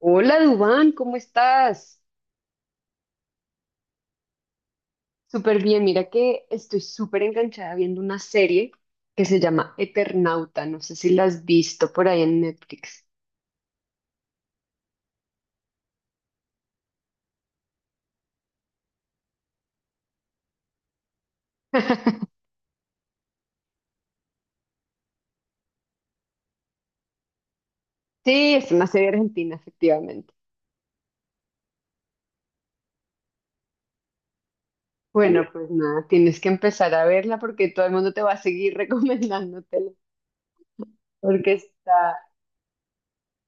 Hola Dubán, ¿cómo estás? Súper bien, mira que estoy súper enganchada viendo una serie que se llama Eternauta, no sé si la has visto por ahí en Netflix. Sí, es una serie argentina, efectivamente. Bueno, pues nada, tienes que empezar a verla porque todo el mundo te va a seguir recomendándotela, porque está,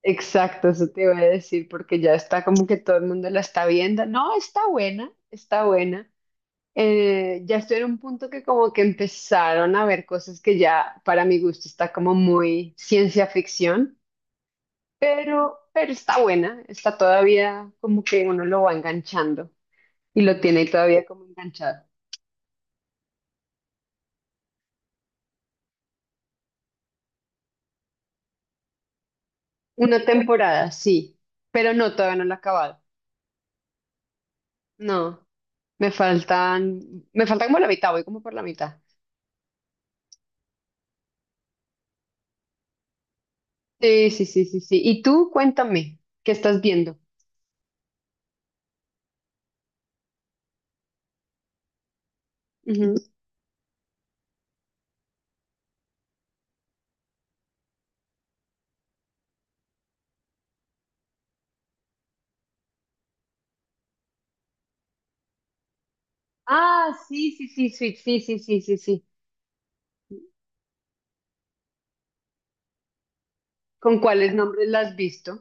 exacto, eso te voy a decir, porque ya está como que todo el mundo la está viendo. No, está buena, está buena. Ya estoy en un punto que como que empezaron a ver cosas que ya para mi gusto está como muy ciencia ficción, pero está buena, está todavía como que uno lo va enganchando y lo tiene todavía como enganchado. Una temporada, sí, pero no, todavía no la he acabado. No, me falta como la mitad, voy como por la mitad. Sí, sí, sí, sí, sí. Y tú cuéntame, ¿qué estás viendo? Ujú. Ah, sí, sí, sí, sí, sí, sí, sí, sí, sí. ¿Con cuáles nombres la has visto?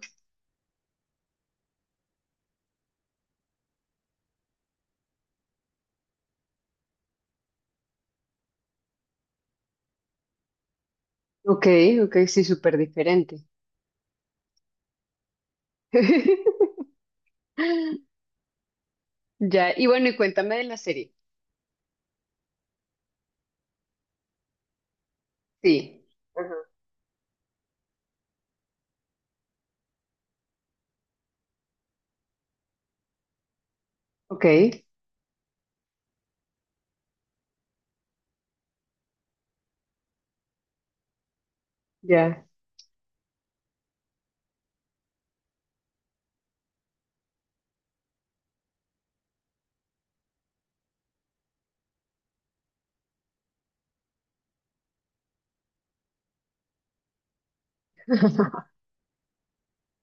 Ok, ok, sí, súper diferente. Ya, y bueno, y cuéntame de la serie. Sí. Ajá. Ok, ya.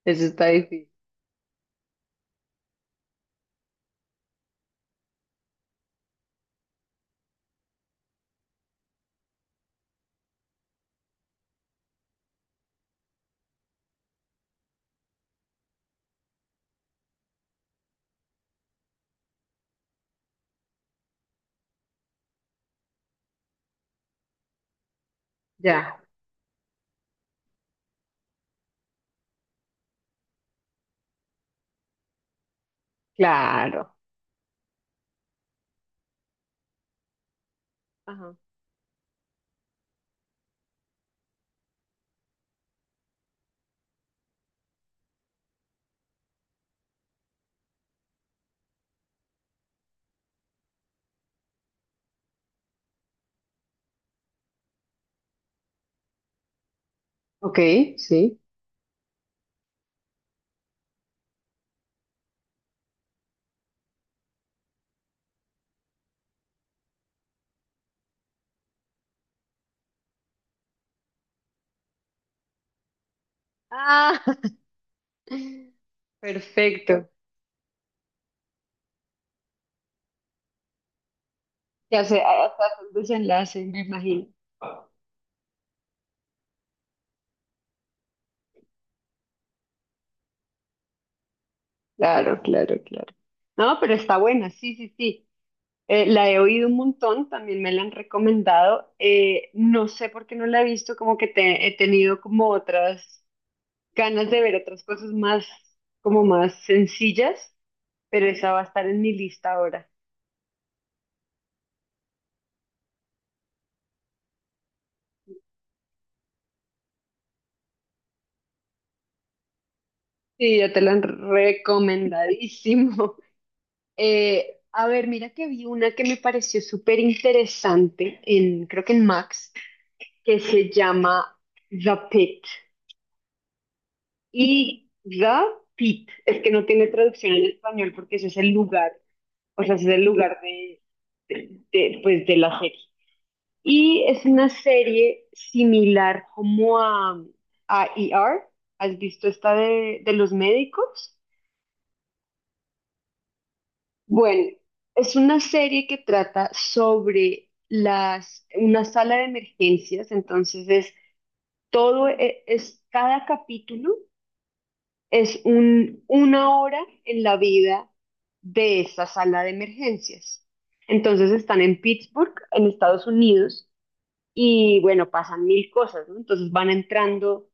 Eso está difícil. Ya, claro. Ajá. Ok, sí. Ah, perfecto. Ya sé, hasta hace un desenlace, me imagino. Claro, claro, claro. No, pero está buena, sí, sí, sí. La he oído un montón, también me la han recomendado. No sé por qué no la he visto, he tenido como otras ganas de ver otras cosas más, como más sencillas, pero esa va a estar en mi lista ahora. Sí, ya te la han recomendadísimo. A ver, mira que vi una que me pareció súper interesante en, creo que en Max, que se llama The Pit. Y Gapit, es que no tiene traducción en español porque ese es el lugar, o sea, ese es el lugar de, pues, de la serie. Y es una serie similar como a ER. ¿Has visto esta de los médicos? Bueno, es una serie que trata sobre una sala de emergencias, entonces es todo, es cada capítulo. Es una hora en la vida de esta sala de emergencias. Entonces están en Pittsburgh, en Estados Unidos, y bueno, pasan mil cosas, ¿no? Entonces van entrando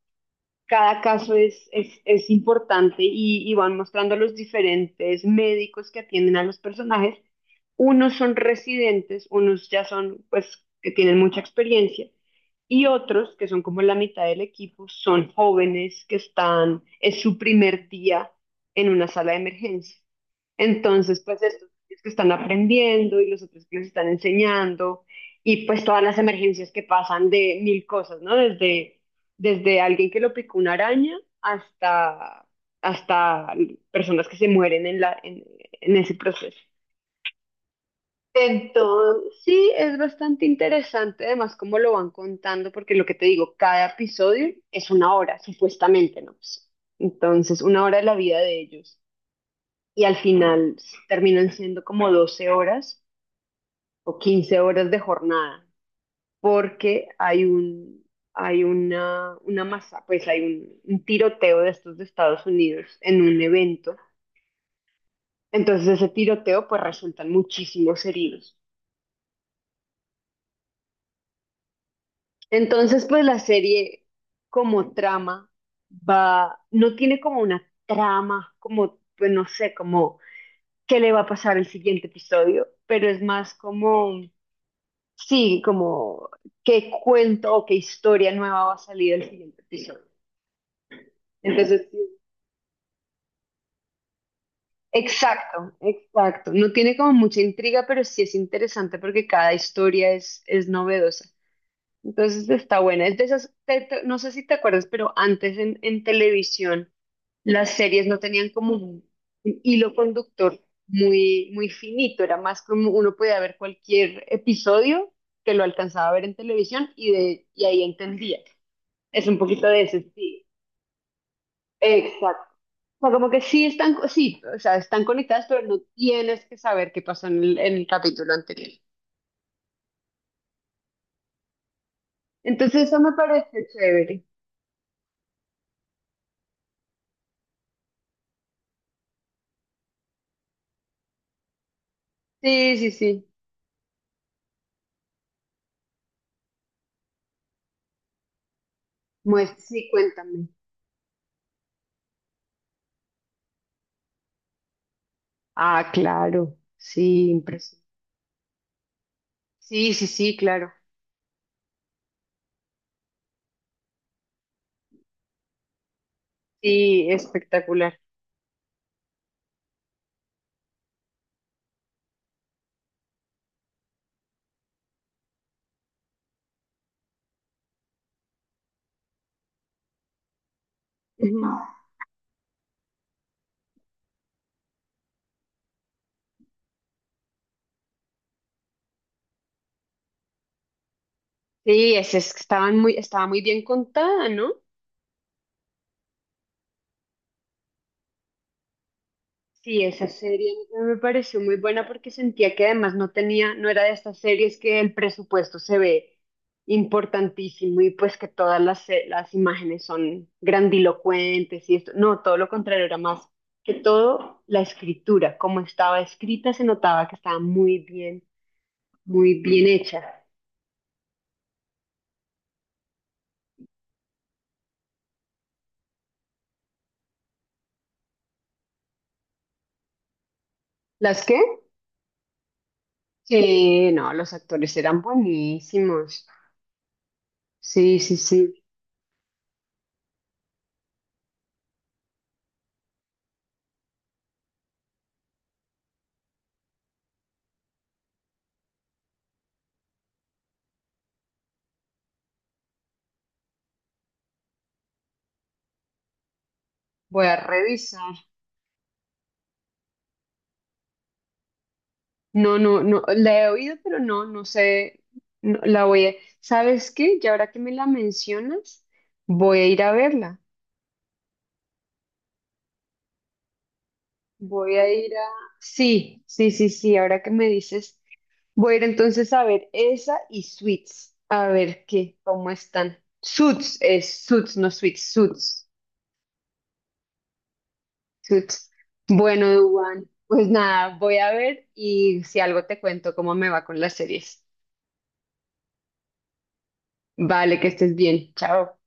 cada caso es importante, y van mostrando los diferentes médicos que atienden a los personajes. Unos son residentes, unos ya son, pues, que tienen mucha experiencia y otros, que son como la mitad del equipo, son jóvenes que están, es su primer día en una sala de emergencia. Entonces, pues estos que están aprendiendo y los otros que les están enseñando y pues todas las emergencias que pasan de mil cosas, ¿no? Desde alguien que lo picó una araña hasta, hasta personas que se mueren en ese proceso. Entonces, sí, es bastante interesante, además, cómo lo van contando, porque lo que te digo, cada episodio es una hora, supuestamente, ¿no? Pues, entonces, una hora de la vida de ellos. Y al final terminan siendo como 12 horas o 15 horas de jornada, porque hay una masa, pues hay un tiroteo de estos de Estados Unidos en un evento. Entonces ese tiroteo pues resultan muchísimos heridos. Entonces pues la serie como trama va, no tiene como una trama, como pues no sé, como qué le va a pasar el siguiente episodio, pero es más como, sí, como qué cuento o qué historia nueva va a salir el siguiente episodio. Entonces, sí, exacto, exacto. No tiene como mucha intriga, pero sí es interesante porque cada historia es novedosa. Entonces está buena. Es de esas, no sé si te acuerdas, pero antes en, televisión las series no tenían como un hilo conductor muy, muy finito. Era más como uno podía ver cualquier episodio que lo alcanzaba a ver en televisión y ahí entendía. Es un poquito de ese estilo. Exacto sea, como que sí están, sí, o sea, están conectadas, pero no tienes que saber qué pasó en el capítulo anterior. Entonces eso me parece chévere. Sí, sí, sí. Sí, cuéntame. Ah, claro. Sí, impresionante. Sí, sí, sí, claro. Sí, espectacular. Ujú. Sí, es que estaban muy, estaba muy bien contada, ¿no? Sí, esa serie a mí me pareció muy buena porque sentía que además no era de estas series que el presupuesto se ve importantísimo y pues que todas las imágenes son grandilocuentes y esto. No, todo lo contrario, era más que todo la escritura, como estaba escrita se notaba que estaba muy bien hecha. ¿Las qué? Sí, no, los actores eran buenísimos. Sí, sí, sí. Voy a revisar. No, no, no, la he oído, pero no, no sé, no, la voy a... ¿Sabes qué? Y ahora que me la mencionas, voy a ir a verla. Voy a ir a... Sí, sí, sí, sí, ahora que me dices, voy a ir entonces a ver esa y Suits, a ver qué, cómo están. Suits es Suits, no Suits, Suits, Suits. Bueno, Duan, pues nada, voy a ver y si algo te cuento cómo me va con las series. Vale, que estés bien, chao.